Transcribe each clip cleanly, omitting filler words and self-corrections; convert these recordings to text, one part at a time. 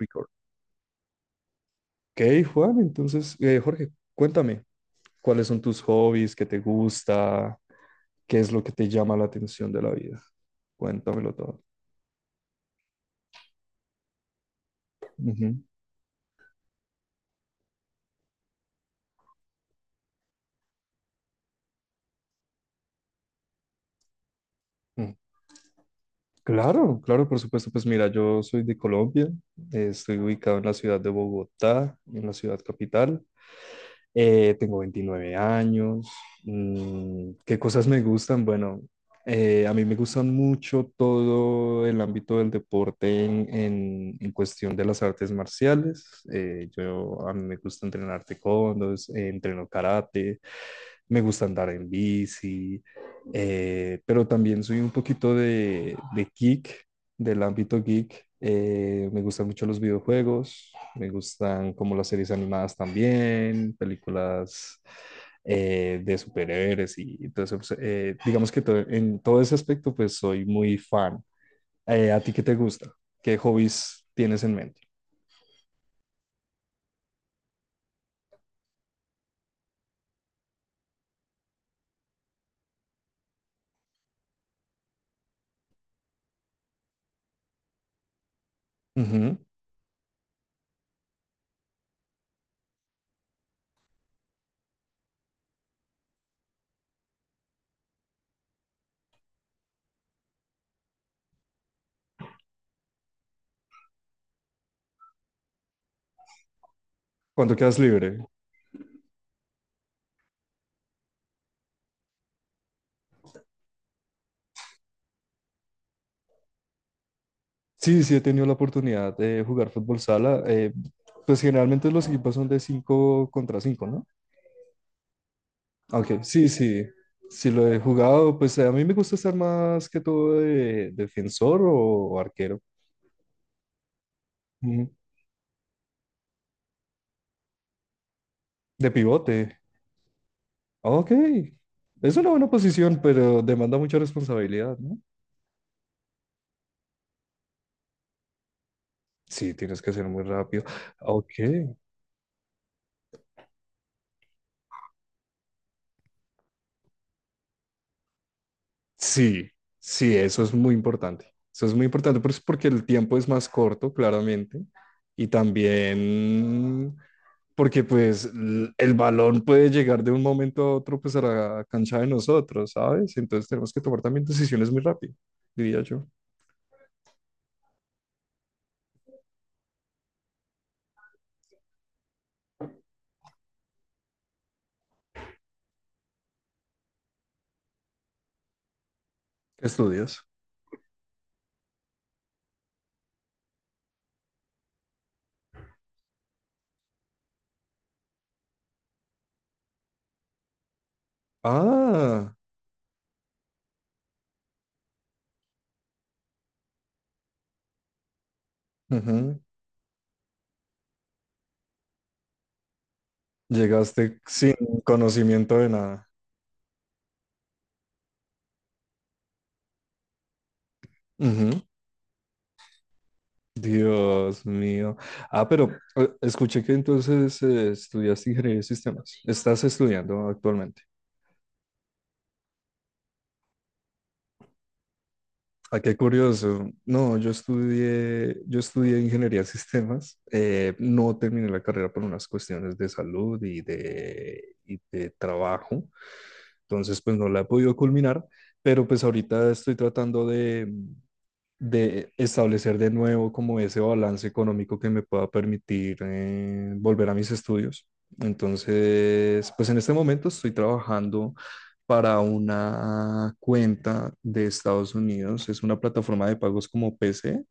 Record. Ok, Juan, entonces, Jorge, cuéntame, ¿cuáles son tus hobbies? ¿Qué te gusta? ¿Qué es lo que te llama la atención de la vida? Cuéntamelo todo. Ujú. Mm. Claro, claro, por supuesto. Pues mira, yo soy de Colombia, estoy ubicado en la ciudad de Bogotá, en la ciudad capital. Tengo 29 años. Mm, ¿qué cosas me gustan? Bueno, a mí me gustan mucho todo el ámbito del deporte en cuestión de las artes marciales. A mí me gusta entrenar taekwondo, entreno karate, me gusta andar en bici, pero también soy un poquito de geek, del ámbito geek. Me gustan mucho los videojuegos, me gustan como las series animadas también, películas de superhéroes y entonces pues, digamos que en todo ese aspecto pues soy muy fan. ¿A ti qué te gusta? ¿Qué hobbies tienes en mente? Ujú. ¿Cuándo quedas libre? Sí, sí, he tenido la oportunidad de jugar fútbol sala. Pues generalmente los equipos son de 5 contra 5, ¿no? Aunque sí, sí, sí lo he jugado. Pues a mí me gusta estar más que todo de defensor o arquero. Ujú. De pivote. Ok. Es una buena posición, pero demanda mucha responsabilidad, ¿no? Sí, tienes que ser muy rápido. Ok. Sí, sí, eso es muy importante. Eso es muy importante pues, porque el tiempo es más corto, claramente, y también porque pues el balón puede llegar de un momento a otro pues a la cancha de nosotros, ¿sabes? Entonces tenemos que tomar también decisiones muy rápido, diría yo. ¿Qué estudias? Ah, ujú. Llegaste sin conocimiento de nada. Dios mío. Ah, pero escuché que entonces estudiaste ingeniería de sistemas. Estás estudiando actualmente. Ah, qué curioso. No, yo estudié ingeniería de sistemas. No terminé la carrera por unas cuestiones de salud y de trabajo. Entonces, pues no la he podido culminar, pero pues ahorita estoy tratando de establecer de nuevo como ese balance económico que me pueda permitir volver a mis estudios. Entonces, pues en este momento estoy trabajando para una cuenta de Estados Unidos. Es una plataforma de pagos como PC.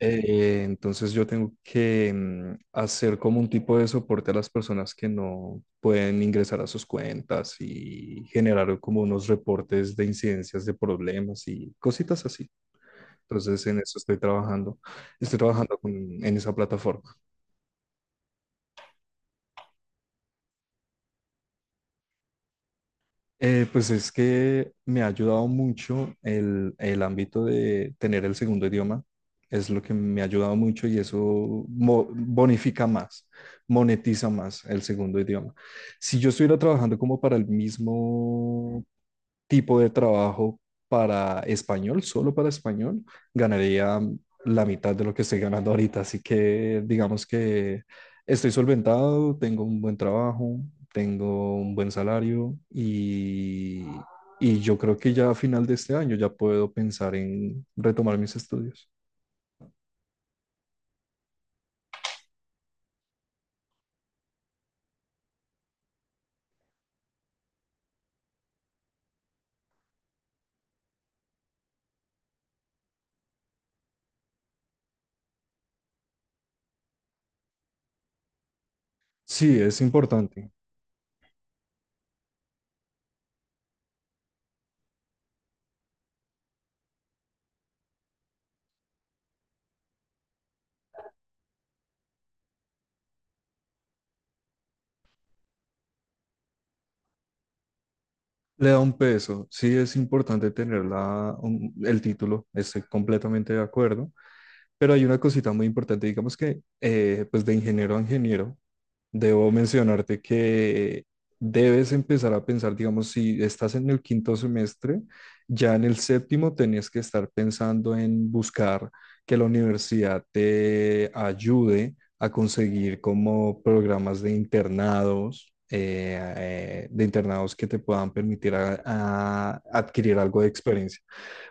Entonces yo tengo que hacer como un tipo de soporte a las personas que no pueden ingresar a sus cuentas y generar como unos reportes de incidencias de problemas y cositas así. Entonces, en eso estoy trabajando. Estoy trabajando con- en esa plataforma. Pues es que me ha ayudado mucho el ámbito de tener el segundo idioma. Es lo que me ha ayudado mucho y eso bonifica más, monetiza más el segundo idioma. Si yo estuviera trabajando como para el mismo tipo de trabajo para español, solo para español, ganaría la mitad de lo que estoy ganando ahorita. Así que digamos que estoy solventado, tengo un buen trabajo, tengo un buen salario y yo creo que ya a final de este año ya puedo pensar en retomar mis estudios. Sí, es importante. Le da un peso. Sí, es importante tener el título. Estoy completamente de acuerdo. Pero hay una cosita muy importante, digamos que pues de ingeniero a ingeniero, debo mencionarte que debes empezar a pensar, digamos, si estás en el quinto semestre, ya en el séptimo tenías que estar pensando en buscar que la universidad te ayude a conseguir como programas de internados que te puedan permitir a adquirir algo de experiencia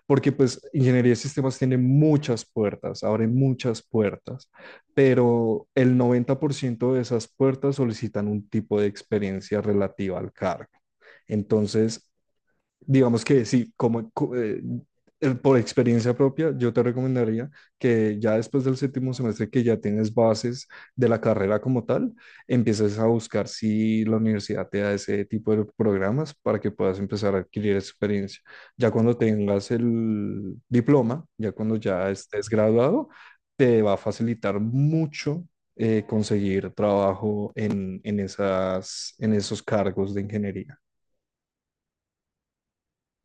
porque pues ingeniería de sistemas tiene muchas puertas, abre muchas puertas, pero el 90% de esas puertas solicitan un tipo de experiencia relativa al cargo. Entonces, digamos que sí, por experiencia propia, yo te recomendaría que ya después del séptimo semestre que ya tienes bases de la carrera como tal, empieces a buscar si la universidad te da ese tipo de programas para que puedas empezar a adquirir experiencia. Ya cuando tengas el diploma, ya cuando ya estés graduado, te va a facilitar mucho conseguir trabajo en esas, en esos cargos de ingeniería.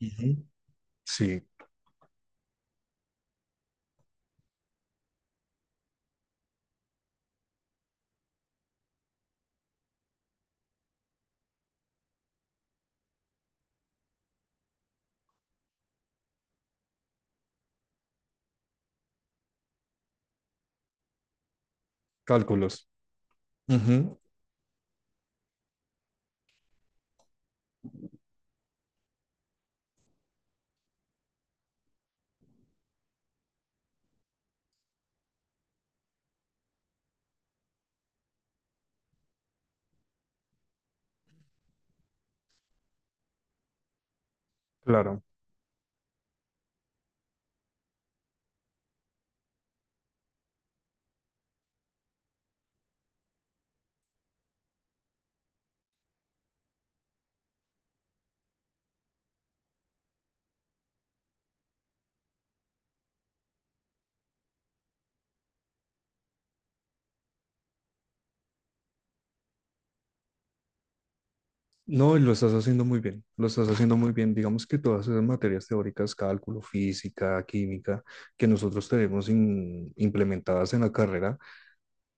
Ujú. Sí. Cálculos. Ujú. Claro. No, y lo estás haciendo muy bien, lo estás haciendo muy bien. Digamos que todas esas materias teóricas, cálculo, física, química, que nosotros tenemos implementadas en la carrera,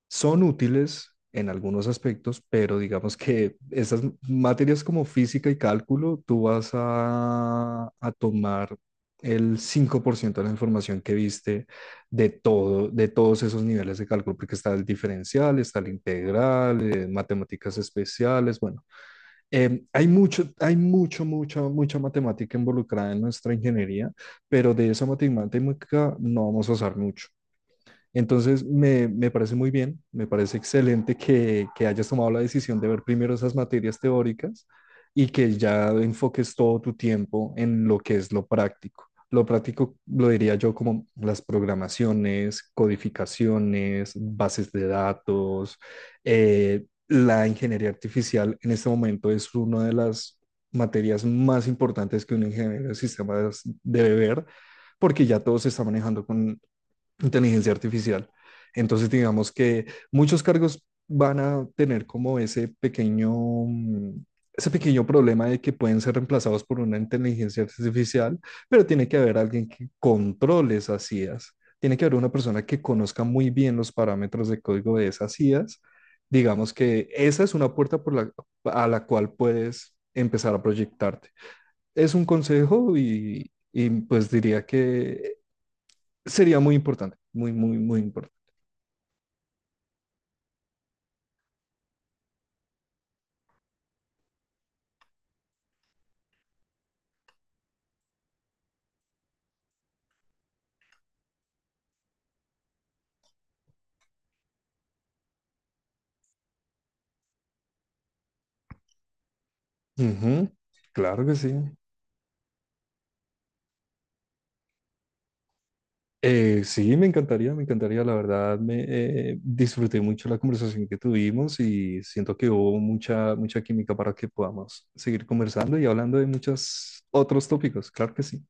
son útiles en algunos aspectos, pero digamos que esas materias como física y cálculo, tú vas a tomar el 5% de la información que viste de todo, de todos esos niveles de cálculo, porque está el diferencial, está el integral, matemáticas especiales, bueno, hay mucho, mucha, mucha matemática involucrada en nuestra ingeniería, pero de esa matemática no vamos a usar mucho. Entonces, me parece muy bien, me parece excelente que hayas tomado la decisión de ver primero esas materias teóricas y que ya enfoques todo tu tiempo en lo que es lo práctico. Lo práctico lo diría yo como las programaciones, codificaciones, bases de datos. La ingeniería artificial en este momento es una de las materias más importantes que un ingeniero de sistemas debe ver, porque ya todo se está manejando con inteligencia artificial. Entonces, digamos que muchos cargos van a tener como ese pequeño, ese pequeño problema de que pueden ser reemplazados por una inteligencia artificial, pero tiene que haber alguien que controle esas IAs. Tiene que haber una persona que conozca muy bien los parámetros de código de esas IAs. Digamos que esa es una puerta por a la cual puedes empezar a proyectarte. Es un consejo y pues diría que sería muy importante, muy, muy, muy importante. Ujú. Claro que sí. Sí, me encantaría, me encantaría. La verdad, me disfruté mucho la conversación que tuvimos y siento que hubo mucha, mucha química para que podamos seguir conversando y hablando de muchos otros tópicos. Claro que sí.